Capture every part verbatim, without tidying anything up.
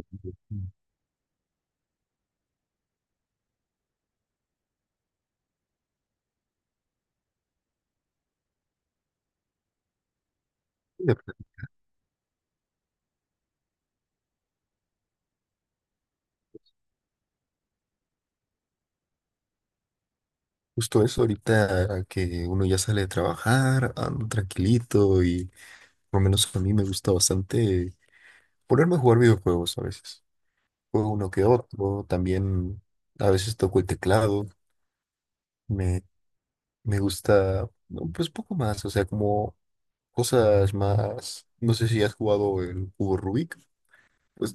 Eh, Justo eso, ahorita que uno ya sale de trabajar, ando tranquilito y por lo menos a mí me gusta bastante ponerme a jugar videojuegos a veces. Juego uno que otro, también a veces toco el teclado, me, me gusta no, pues poco más, o sea, como cosas más, no sé si has jugado el cubo Rubik, pues,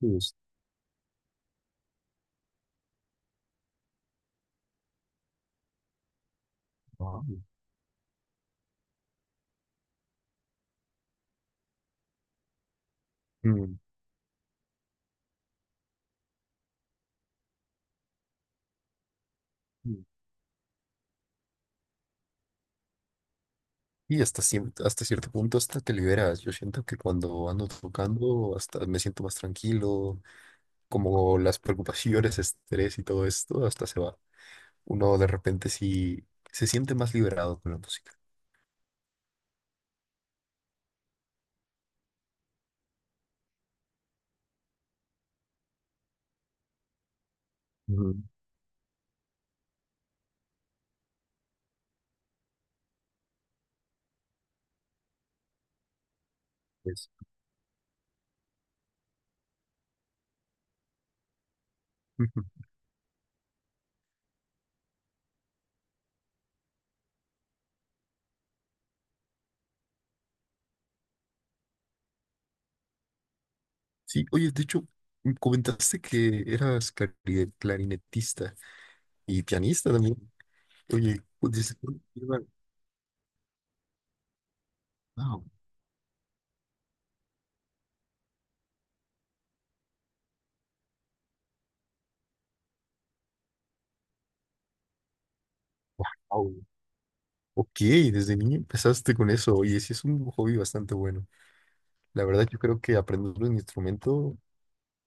pues, no. Mm. Y hasta, cien- hasta cierto punto hasta te liberas. Yo siento que cuando ando tocando hasta me siento más tranquilo, como las preocupaciones, estrés y todo esto, hasta se va. Uno de repente sí se siente más liberado con la música. Ujú. Pues, ujú. Sí, oye, de hecho, m- comentaste que eras clari- clarinetista y pianista también. Oye, pues, ¿desde cuándo lleva- Wow, wow. Ok, desde niño empezaste con eso. Oye, sí es un hobby bastante bueno. La verdad, yo creo que aprender un instrumento,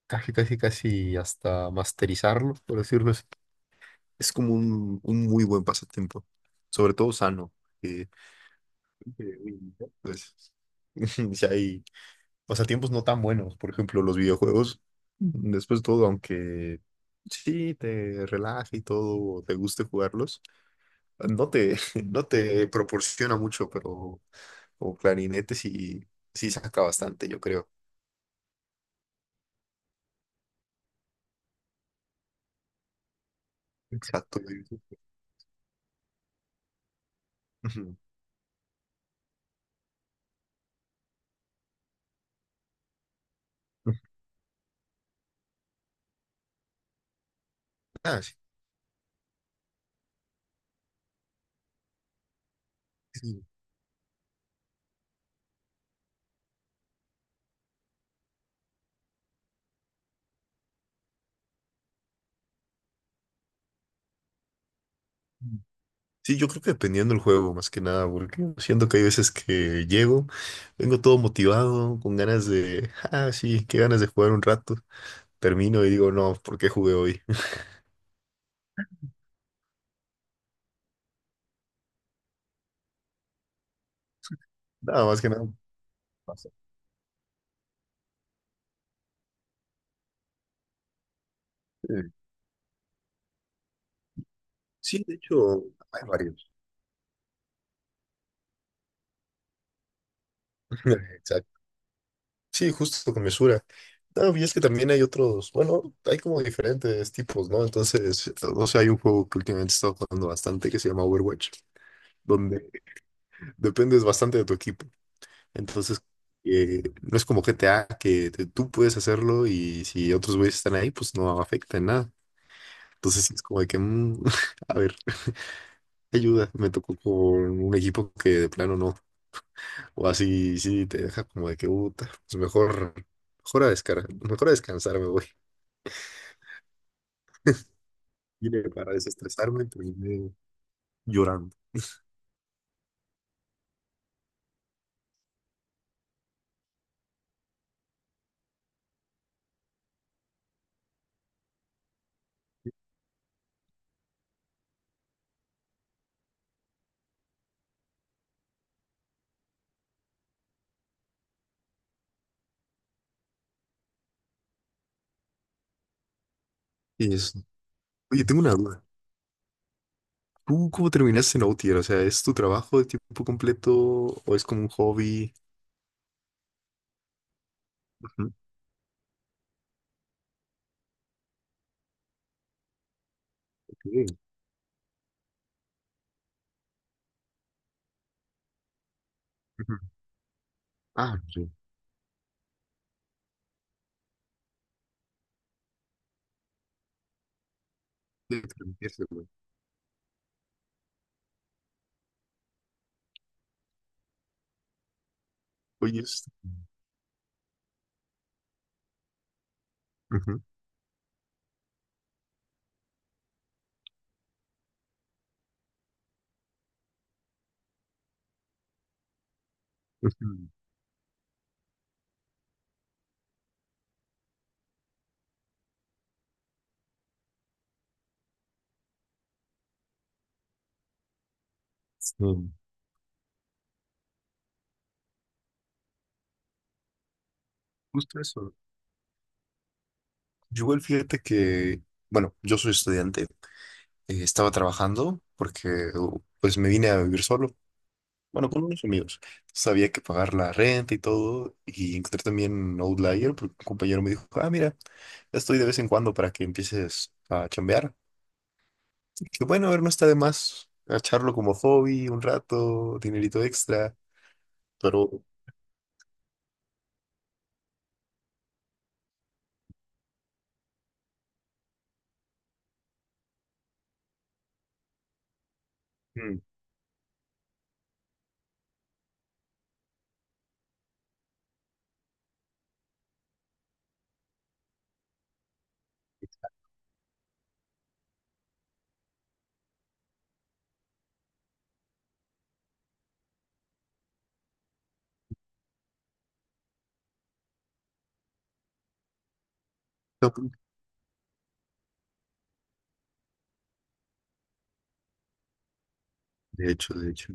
casi, casi, casi hasta masterizarlo, por decirlo así, es como un, un muy buen pasatiempo, sobre todo sano. que, que hoy, pues, si hay pasatiempos no tan buenos, por ejemplo, los videojuegos, después de todo, aunque sí te relaje y todo, o te guste jugarlos, no te, no te proporciona mucho, pero como clarinete sí, sí saca bastante, yo creo. Exacto. Ujú. Ah, sí. Sí, Sí, yo creo que dependiendo del juego, más que nada, porque siento que hay veces que llego, vengo todo motivado, con ganas de, ah, sí, qué ganas de jugar un rato. Termino y digo, no, ¿por qué jugué hoy? Nada, más que nada pasa. Eh, Sí, de hecho, hay varios. Exacto. Sí, justo con mesura. No, y es que también hay otros, bueno, hay como diferentes tipos, ¿no? Entonces, o sea, hay un juego que últimamente he estado jugando bastante que se llama Overwatch, donde dependes bastante de tu equipo. Entonces, eh, no es como G T A que te- tú puedes hacerlo y si otros güeyes están ahí, pues no afecta en nada. Entonces, sí es como de que, mm, a ver, ayuda, me tocó con un equipo que de plano no. O así, sí, te deja como de que, puta, pues mejor, mejor a descargar, mejor a descansar me voy. Vine para desestresarme, terminé llorando. Y eso. Oye, tengo una duda. ¿Tú cómo terminaste en Outlier? O sea, ¿es tu trabajo de tiempo completo o es como un hobby? Ujú. Ok. Ujú. Ah, debe cambiarse, güey. Oye, es, ujú, es que, este, justo eso. Yo igual fíjate que, bueno, yo soy estudiante. eh, estaba trabajando porque u- pues me vine a vivir solo, bueno, con unos amigos. Sabía que pagar la renta y todo, y encontré también Outlier, porque un compañero me dijo, ah, mira, estoy de vez en cuando para que empieces a chambear. Y bueno, a ver, no está de más echarlo como hobby un rato, dinerito extra, pero... mm, De hecho, de hecho.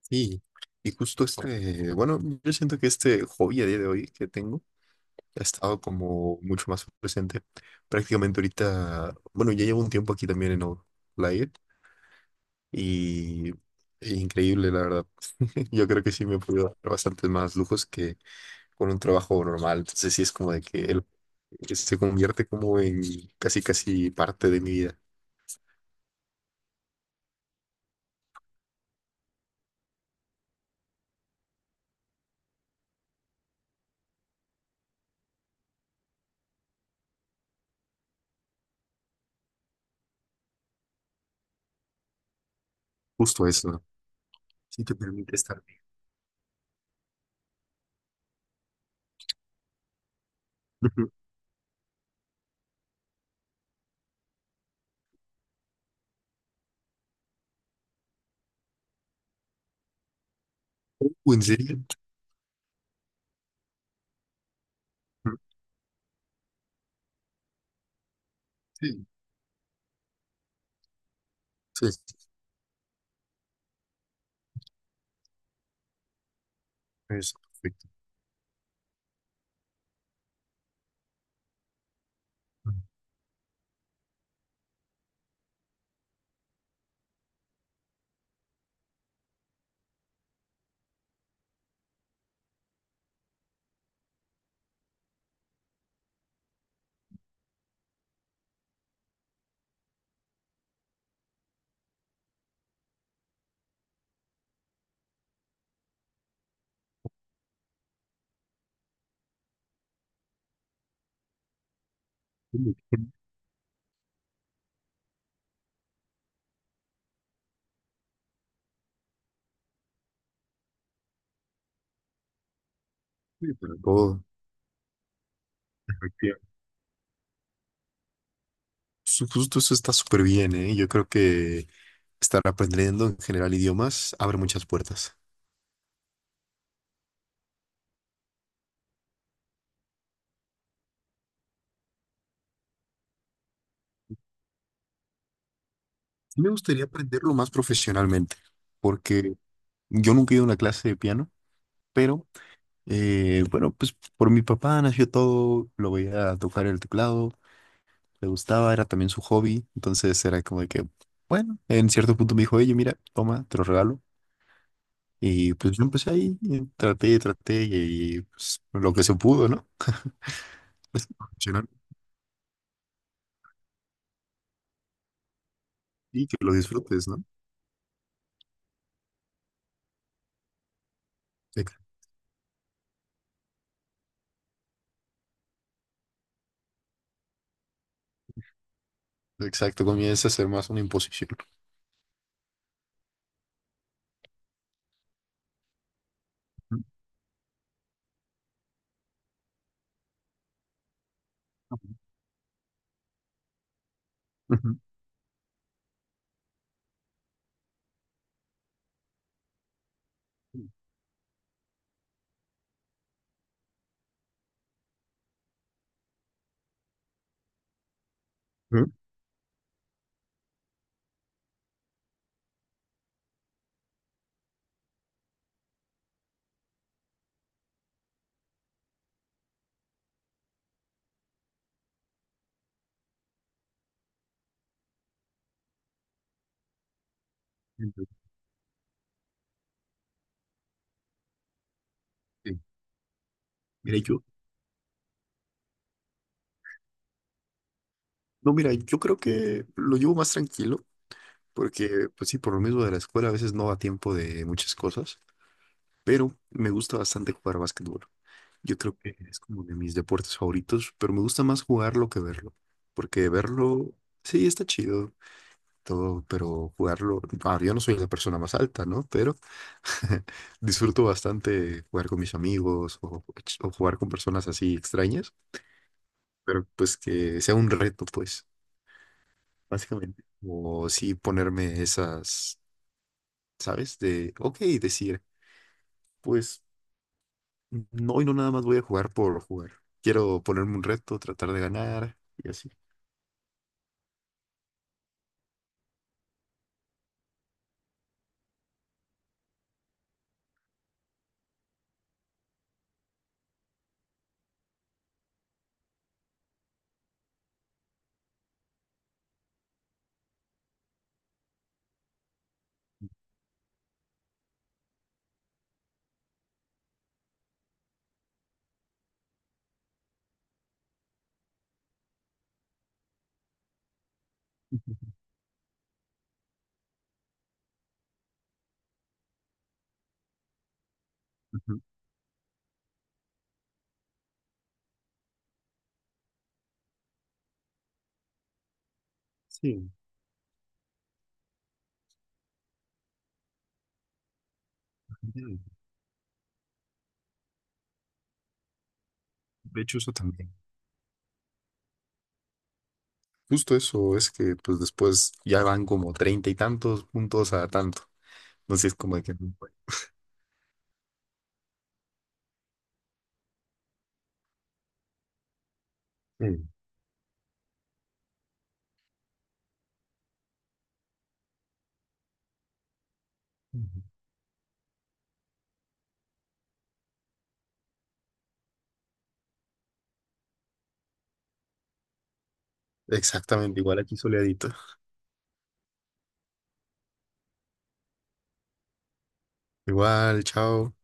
Sí, y justo este, bueno, yo siento que este hobby a día de hoy que tengo ha estado como mucho más presente. Prácticamente ahorita, bueno, ya llevo un tiempo aquí también en Outlier y e increíble, la verdad. Yo creo que sí me he podido dar bastantes más lujos que con un trabajo normal. Entonces sí es como de que él se convierte como en casi casi parte de mi vida. Justo eso, ¿no? Sí te permite estar bien. Uh, ¿En serio? Sí, sí, sí, es perfecto. Uy, uy, Para todo, efectivamente. Su- Justo eso está súper bien, ¿eh? Yo creo que estar aprendiendo en general idiomas abre muchas puertas. Sí me gustaría aprenderlo más profesionalmente, porque yo nunca he ido a una clase de piano, pero eh, bueno, pues por mi papá nació todo, lo veía tocar el teclado, le gustaba, era también su hobby, entonces era como de que, bueno, en cierto punto me dijo, oye, mira, toma, te lo regalo. Y pues yo empecé ahí, y traté, traté y, y, pues lo que se pudo, ¿no? Emocionante. Y que lo disfrutes, ¿no? Ex- Exacto, comienza a ser más una imposición. Ujú. Ujú. Entonces, sí. Mira, yo, no, mira, yo creo que lo llevo más tranquilo, porque, pues sí, por lo mismo de la escuela a veces no da tiempo de muchas cosas, pero me gusta bastante jugar básquetbol. Yo creo que es como de mis deportes favoritos, pero me gusta más jugarlo que verlo, porque verlo, sí, está chido, todo, pero jugarlo, ah, yo no soy la persona más alta, ¿no? Pero disfruto bastante jugar con mis amigos o, o jugar con personas así extrañas, pero pues que sea un reto, pues, básicamente. O sí ponerme esas, ¿sabes? De, ok, decir, pues, no, hoy no nada más voy a jugar por jugar. Quiero ponerme un reto, tratar de ganar y así. Ujú. Sí, de de hecho eso también. Justo eso, es que pues después ya van como treinta y tantos puntos a tanto. Entonces sí es como de que... mm, Exactamente, igual aquí soleadito. Igual, chao.